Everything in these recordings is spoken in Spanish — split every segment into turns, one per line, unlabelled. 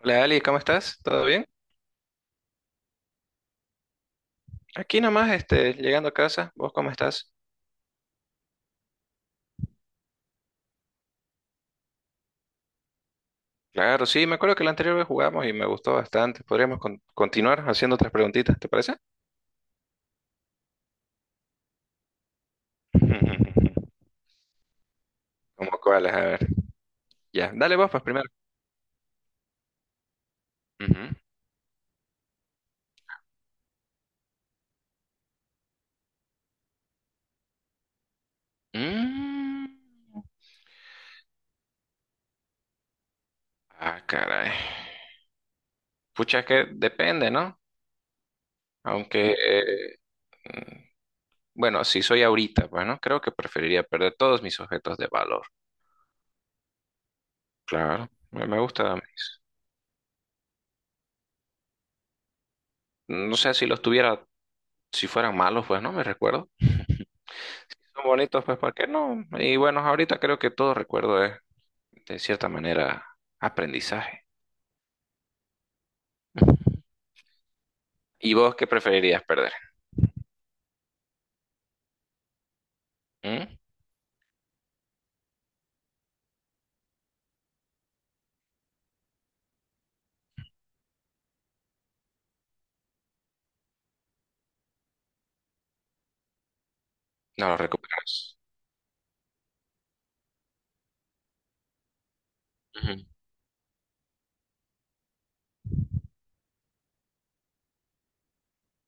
Hola Ali, ¿cómo estás? ¿Todo bien? Aquí nomás, este, llegando a casa, ¿vos cómo estás? Claro, sí, me acuerdo que la anterior vez jugamos y me gustó bastante. Podríamos continuar haciendo otras preguntitas, ¿te parece? ¿Cómo cuáles? A ver. Ya, dale vos pues primero. Ujú. Mm. Ah, caray. Pucha, es que depende, ¿no? Aunque, mm, bueno, si soy ahorita, bueno, creo que preferiría perder todos mis objetos de valor. Claro, me gusta. Mis- No sé si los tuviera si fueran malos, pues no me recuerdo. Si son bonitos, pues ¿por qué no? Y bueno, ahorita creo que todo recuerdo es, de cierta manera, aprendizaje. Ujú. ¿Y vos qué preferirías perder? ¿Mm? No lo recuperas. Ujú.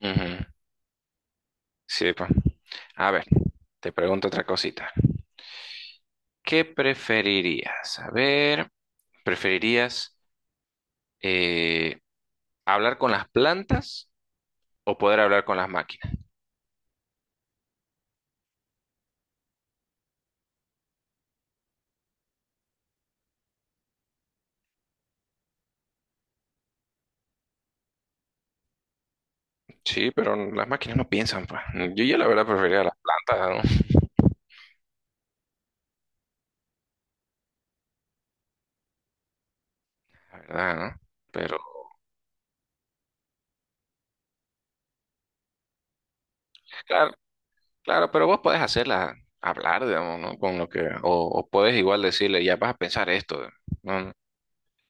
Ujú. Sí, pues. A ver, te pregunto otra cosita. ¿Qué preferirías? A ver, ¿preferirías eh, hablar con las plantas o poder hablar con las máquinas? Sí, pero las máquinas no piensan, pues. Yo ya la verdad preferiría las plantas, la verdad, ¿no? Pero, claro, claro, pero vos podés hacerla hablar, digamos, ¿no? Con lo que, o podés igual decirle, ya vas a pensar esto, ¿no?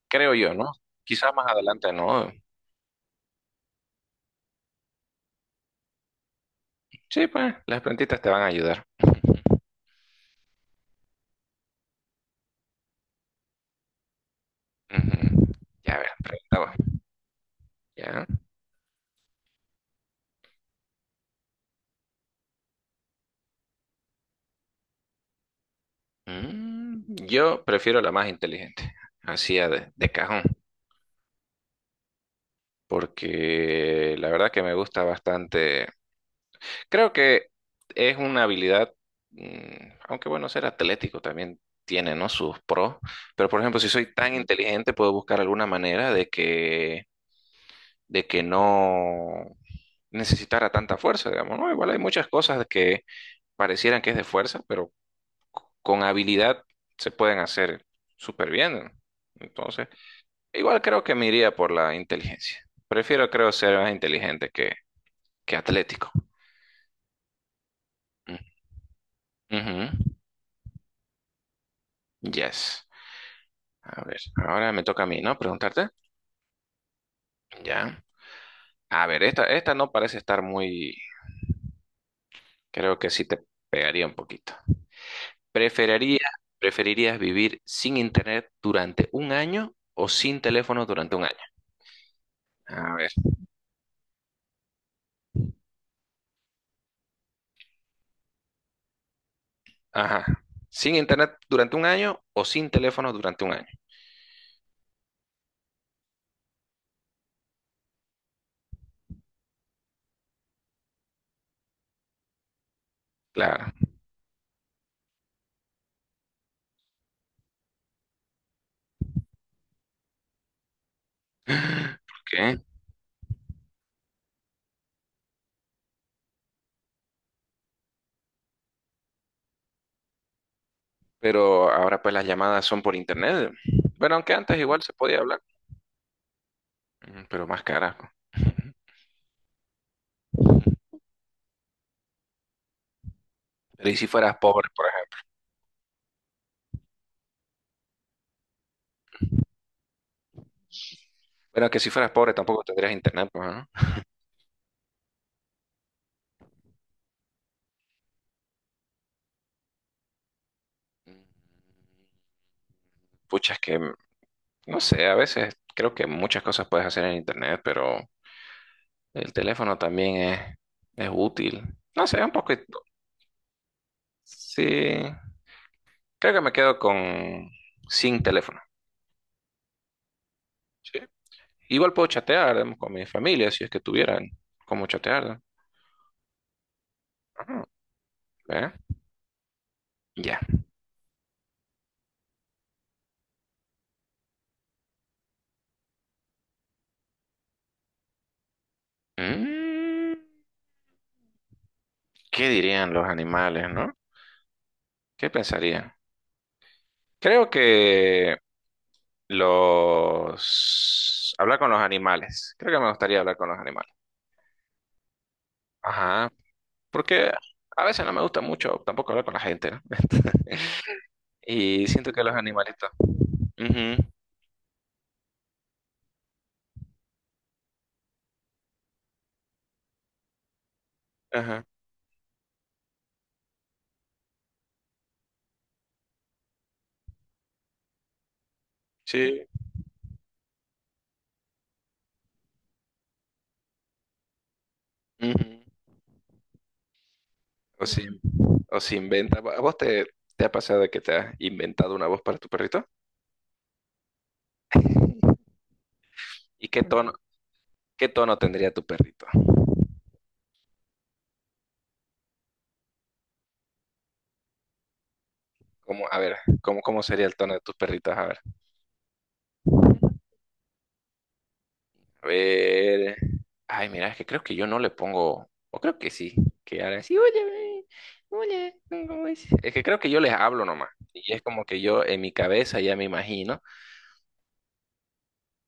Creo yo, ¿no? Quizás más adelante no. Sí, pues, las plantitas te van a ayudar. Ujú, ujú. Ya, a ver, pregunta vos. Ya. Mm, yo prefiero la más inteligente, así a de cajón, porque la verdad que me gusta bastante. Creo que es una habilidad, mm, aunque bueno, ser atlético también tiene, ¿no? Sus pros, pero por ejemplo, si soy tan inteligente, puedo buscar alguna manera de que no necesitara tanta fuerza, digamos, ¿no? Igual hay muchas cosas que parecieran que es de fuerza, pero con habilidad se pueden hacer súper bien, ¿no? Entonces, igual creo que me iría por la inteligencia. Prefiero, creo, ser más inteligente que atlético. Mm. Ujú. Yes. A ver, ahora me toca a mí, ¿no? Preguntarte. Ya. A ver, esta no parece estar muy... Creo que sí te pegaría un poquito. ¿Preferiría, preferirías vivir sin internet durante un año o sin teléfono durante un año? A ver. Ajá. ¿Sin internet durante un año o sin teléfono durante un año? Claro. ¿Por qué? Pero ahora pues las llamadas son por internet. Bueno, aunque antes igual se podía hablar, pero más carajo. Pero ¿y si fueras pobre, por Bueno, que si fueras pobre tampoco tendrías internet, pues, ¿no? Mm. Pucha, es que, no sé, a veces creo que muchas cosas puedes hacer en internet, pero el teléfono también es útil. No sé, un poco... Sí, creo que me quedo con sin teléfono. Sí. Igual puedo chatear digamos, con mi familia si es que tuvieran cómo chatear, ¿no? Ajá, ¿ve? Ya. Mm, ¿qué dirían los animales, no? ¿Qué pensarían? Creo que los... Hablar con los animales. Creo que me gustaría hablar con los animales. Ajá, porque a veces no me gusta mucho tampoco hablar con la gente, ¿no? Y siento que los animalitos... Ujú, ajá, sí, ujú. O si, o si inventa... ¿A vos te, te ha pasado que te has inventado una voz para tu perrito? ¿Y qué tono tendría tu perrito? ¿Cómo, a ver, cómo, cómo sería el tono de tus perritos? A ver. A ver. Ay, mira, es que creo que yo no le pongo. O creo que sí. Que ahora sí, oye, oye, ¿cómo es? Es que creo que yo les hablo nomás. Y es como que yo en mi cabeza ya me imagino.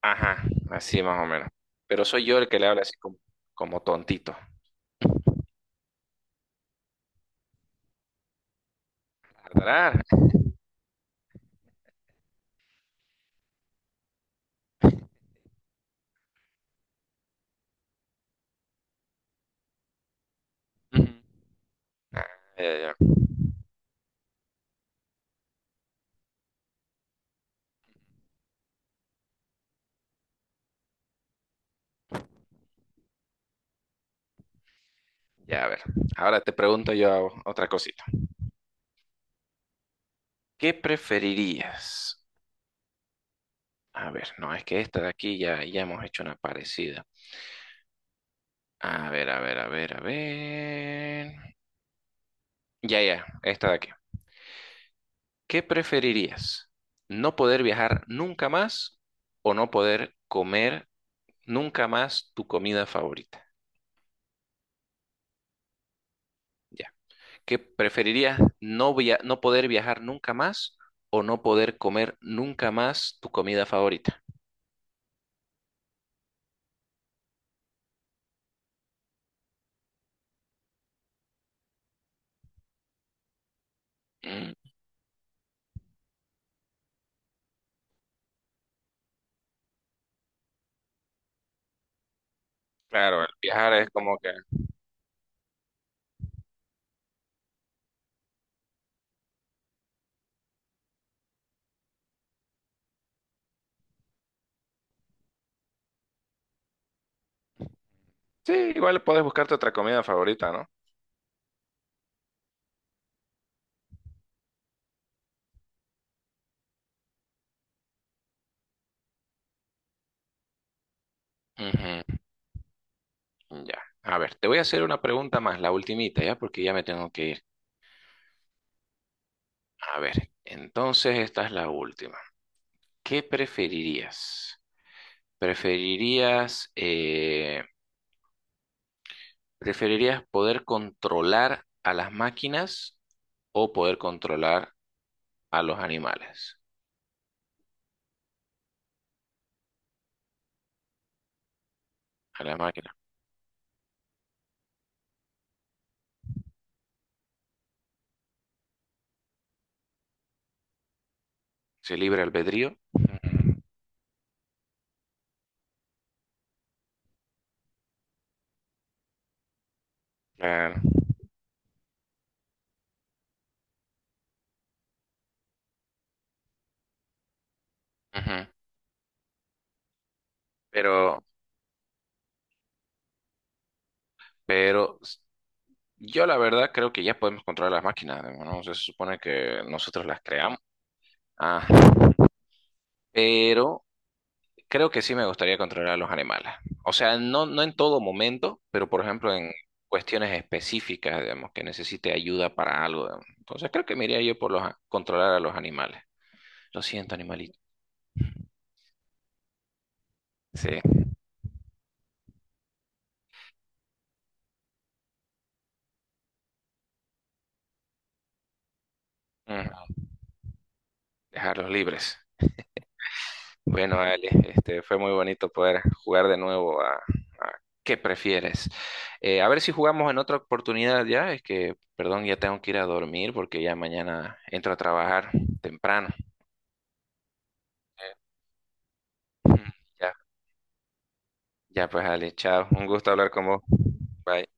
Ajá, así más o menos. Pero soy yo el que le habla así como, como tontito. Tarará. Ujú. Ah, ya, ya. Ya, a ver. Ahora te pregunto yo otra cosita. ¿Qué preferirías? A ver, no, es que esta de aquí ya, ya hemos hecho una parecida. A ver, a ver, a ver, a ver. Ya, ya, esta de aquí. ¿Qué preferirías? ¿No poder viajar nunca más o no poder comer nunca más tu comida favorita? Ya. ¿Qué preferirías? ¿No no poder viajar nunca más o no poder comer nunca más tu comida favorita? Mm, Claro, el viajar es como que... Sí, igual puedes buscarte otra comida favorita, ¿no? Ujú. Ya. A ver, te voy a hacer una pregunta más, la ultimita, ¿ya? Porque ya me tengo que ir. A ver, entonces esta es la última. ¿Qué preferirías? ¿Preferirías, eh, preferirías poder controlar a las máquinas o poder controlar a los animales? A las máquinas. ¿Se libre albedrío? Ujú. Claro. Ujú. Pero, pero s- yo la verdad creo que ya podemos controlar las máquinas, ¿no? O sea, se supone que nosotros las creamos. Ah. Pero creo que sí me gustaría controlar a los animales. O sea, no, no en todo momento, pero por ejemplo en cuestiones específicas, digamos, que necesite ayuda para algo, digamos. Entonces creo que me iría yo por los, controlar a los animales. Lo siento, animalito. Sí. Mm, Dejarlos libres. Bueno, Ale, este, fue muy bonito poder jugar de nuevo a ¿qué prefieres? A ver si jugamos en otra oportunidad ya. Es que, perdón, ya tengo que ir a dormir porque ya mañana entro a trabajar temprano. Eh, ya. Ya pues, Ale, chao. Un gusto hablar con vos. Bye.